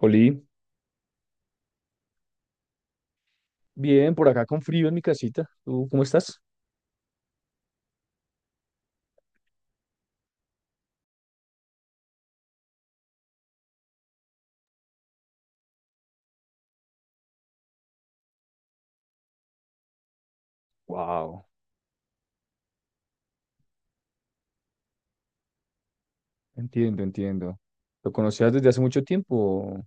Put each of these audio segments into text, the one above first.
Oli, bien, por acá con frío en mi casita. ¿Tú cómo estás? Wow, entiendo, entiendo. ¿Lo conocías desde hace mucho tiempo?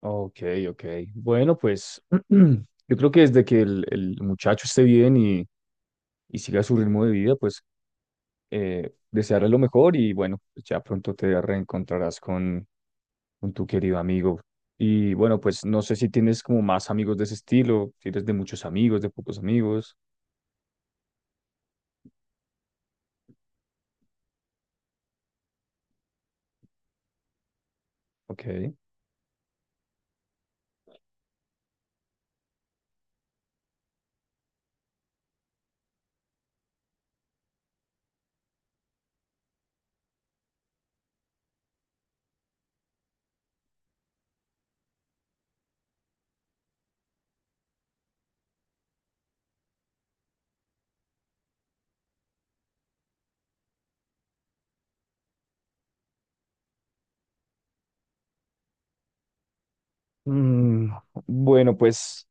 Ok, ok. Bueno, pues yo creo que desde que el muchacho esté bien y siga su ritmo de vida, pues desearle lo mejor. Y bueno, ya pronto te reencontrarás con tu querido amigo. Y bueno, pues no sé si tienes como más amigos de ese estilo, si eres de muchos amigos, de pocos amigos. Ok. Mm, bueno, pues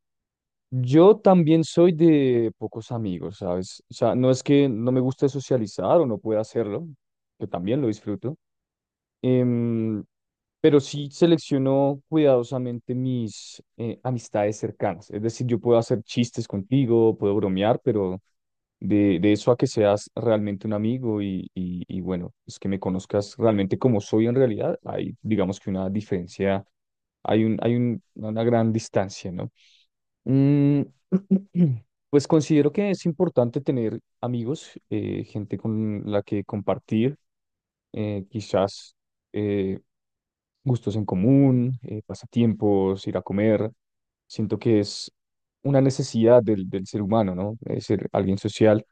yo también soy de pocos amigos, ¿sabes? O sea, no es que no me guste socializar o no pueda hacerlo, que también lo disfruto. em, pero sí selecciono cuidadosamente mis amistades cercanas. Es decir, yo puedo hacer chistes contigo, puedo bromear, pero de eso a que seas realmente un amigo y bueno, es que me conozcas realmente como soy en realidad, hay digamos que una diferencia, hay un, una gran distancia, ¿no? Mm, pues considero que es importante tener amigos, gente con la que compartir, quizás eh, gustos en común, pasatiempos, ir a comer. Siento que es una necesidad del ser humano, ¿no? Es ser alguien social.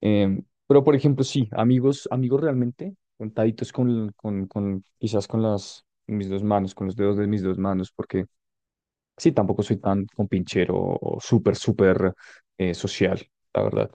Pero, por ejemplo, sí, amigos, amigos realmente, contaditos con quizás con las, mis dos manos, con los dedos de mis dos manos, porque sí, tampoco soy tan compinchero o súper, súper social, la verdad.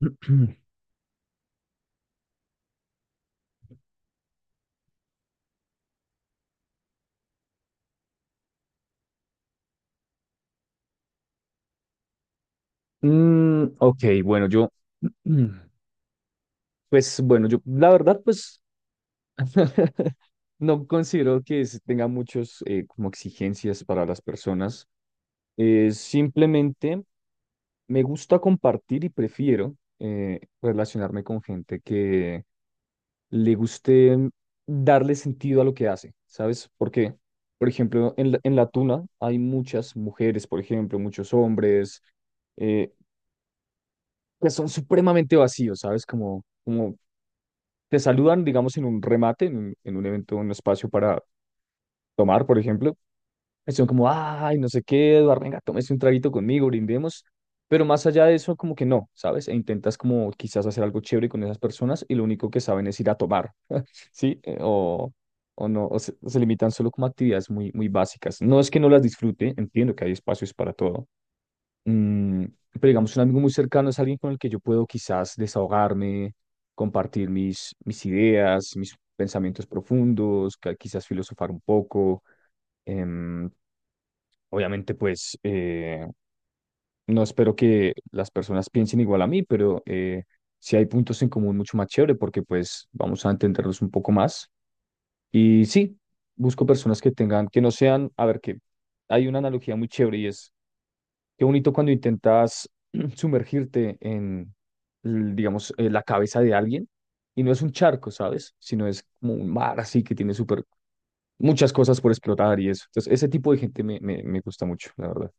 Ok, bueno, yo, mm, pues bueno, yo, la verdad, pues no considero que se tenga muchos como exigencias para las personas. Simplemente me gusta compartir y prefiero relacionarme con gente que le guste darle sentido a lo que hace, ¿sabes? Porque, por ejemplo, en la tuna hay muchas mujeres, por ejemplo, muchos hombres eh, que son supremamente vacíos, ¿sabes? Como, como te saludan, digamos, en un remate, en un evento, un espacio para tomar, por ejemplo. Estuvieron como, ay, no sé qué, Eduardo, venga, tómese un traguito conmigo, brindemos. Pero más allá de eso, como que no, ¿sabes? E intentas como quizás hacer algo chévere con esas personas y lo único que saben es ir a tomar, ¿sí? O no, o se limitan solo como a actividades muy, muy básicas. No es que no las disfrute, entiendo que hay espacios para todo. Mm, pero digamos, un amigo muy cercano es alguien con el que yo puedo quizás desahogarme, compartir mis, mis ideas, mis pensamientos profundos, quizás filosofar un poco. em, Obviamente, pues no espero que las personas piensen igual a mí, pero si hay puntos en común mucho más chévere porque pues vamos a entenderlos un poco más. Y sí, busco personas que tengan, que no sean, a ver, que hay una analogía muy chévere y es qué bonito cuando intentas sumergirte en, digamos, la cabeza de alguien y no es un charco, ¿sabes? Sino es como un mar así que tiene súper muchas cosas por explotar y eso. Entonces, ese tipo de gente me, me, me gusta mucho, la verdad.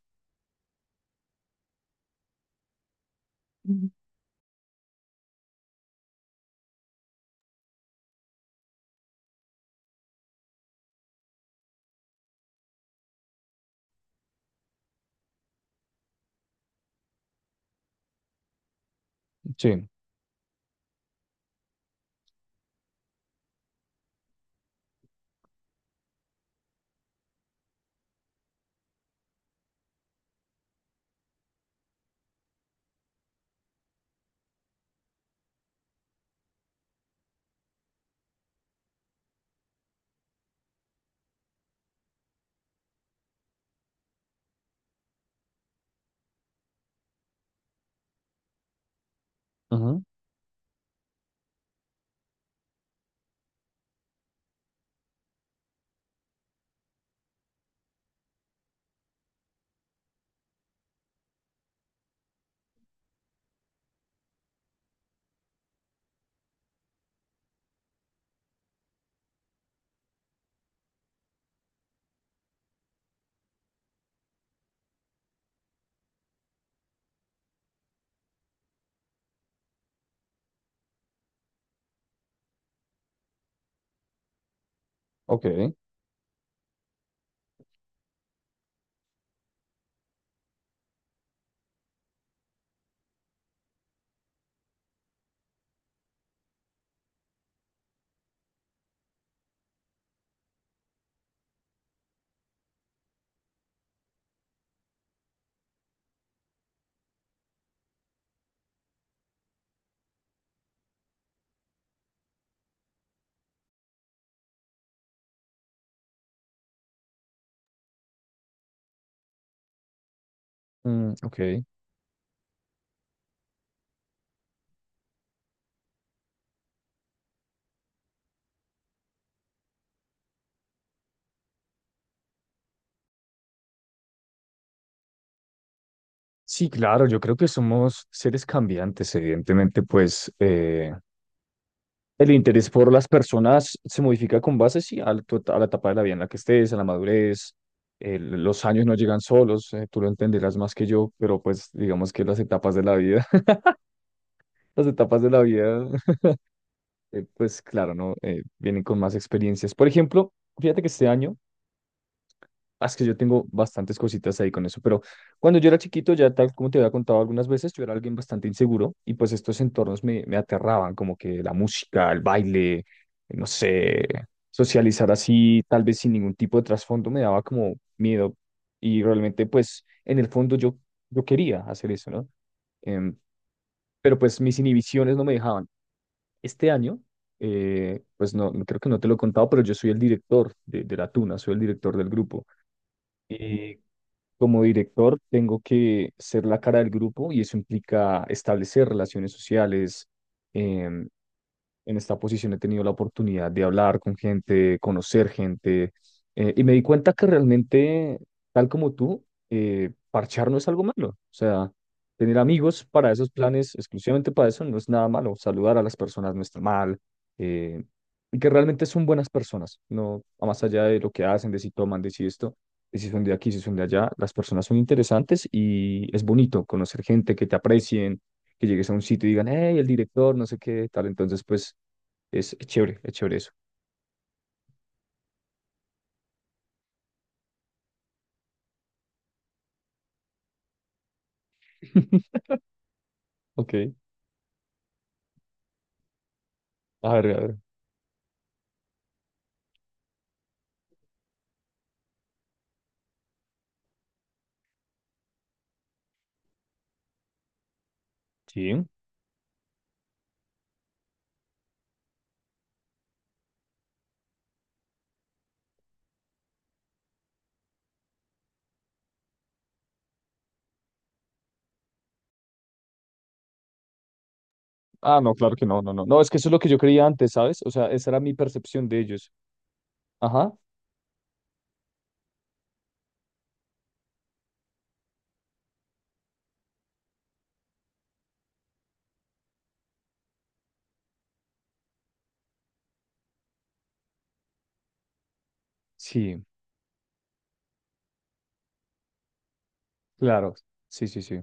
Sí. Ujú. Ok, ok. Sí, claro, yo creo que somos seres cambiantes, evidentemente, pues el interés por las personas se modifica con base, sí, a la, a la etapa de la vida en la que estés, a la madurez, los años no llegan solos, tú lo entenderás más que yo, pero pues digamos que las etapas de la vida, las etapas de la vida, pues claro, ¿no? Vienen con más experiencias. Por ejemplo, fíjate que este año... Ah, es que yo tengo bastantes cositas ahí con eso, pero cuando yo era chiquito, ya tal como te había contado algunas veces, yo era alguien bastante inseguro y pues estos entornos me, me aterraban, como que la música, el baile, no sé, socializar así, tal vez sin ningún tipo de trasfondo, me daba como miedo y realmente pues en el fondo yo, yo quería hacer eso, ¿no? Em, pero pues mis inhibiciones no me dejaban. Este año, pues no, creo que no te lo he contado, pero yo soy el director de la Tuna, soy el director del grupo. Y como director, tengo que ser la cara del grupo y eso implica establecer relaciones sociales. em, en esta posición he tenido la oportunidad de hablar con gente, conocer gente, y me di cuenta que realmente, tal como tú, parchar no es algo malo. O sea, tener amigos para esos planes, exclusivamente para eso, no es nada malo. Saludar a las personas no está mal, eh, y que realmente son buenas personas, no más allá de lo que hacen, de si toman, de si esto, de si son de aquí, si son de allá. Las personas son interesantes y es bonito conocer gente que te aprecien, que llegues a un sitio y digan, hey, el director, no sé qué, tal. Entonces, pues es chévere eso. Ok, a ver, a ver. Sí. Ah, no, claro que no, no, no. No, es que eso es lo que yo creía antes, ¿sabes? O sea, esa era mi percepción de ellos. Ajá. Sí, claro. Sí, sí, sí.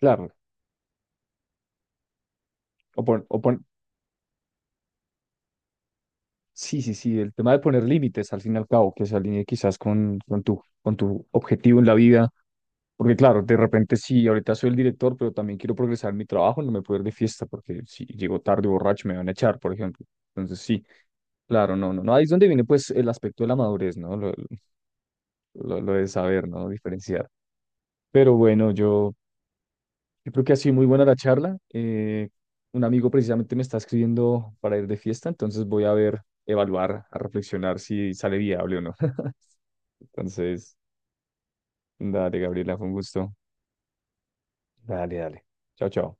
Claro. O, pon- sí, sí, sí, el tema de poner límites al fin y al cabo, que se alinee quizás con tu objetivo en la vida, porque claro, de repente sí, ahorita soy el director, pero también quiero progresar en mi trabajo, no me puedo ir de fiesta, porque si llego tarde borracho me van a echar, por ejemplo. Entonces sí, claro, no, no, no, ahí es donde viene pues el aspecto de la madurez, ¿no? Lo de saber, ¿no? Diferenciar. Pero bueno, yo... Yo creo que ha sido muy buena la charla. Un amigo precisamente me está escribiendo para ir de fiesta, entonces voy a ver, evaluar, a reflexionar si sale viable o no. Entonces, dale, Gabriela, fue un gusto. Dale, dale. Chao, chao.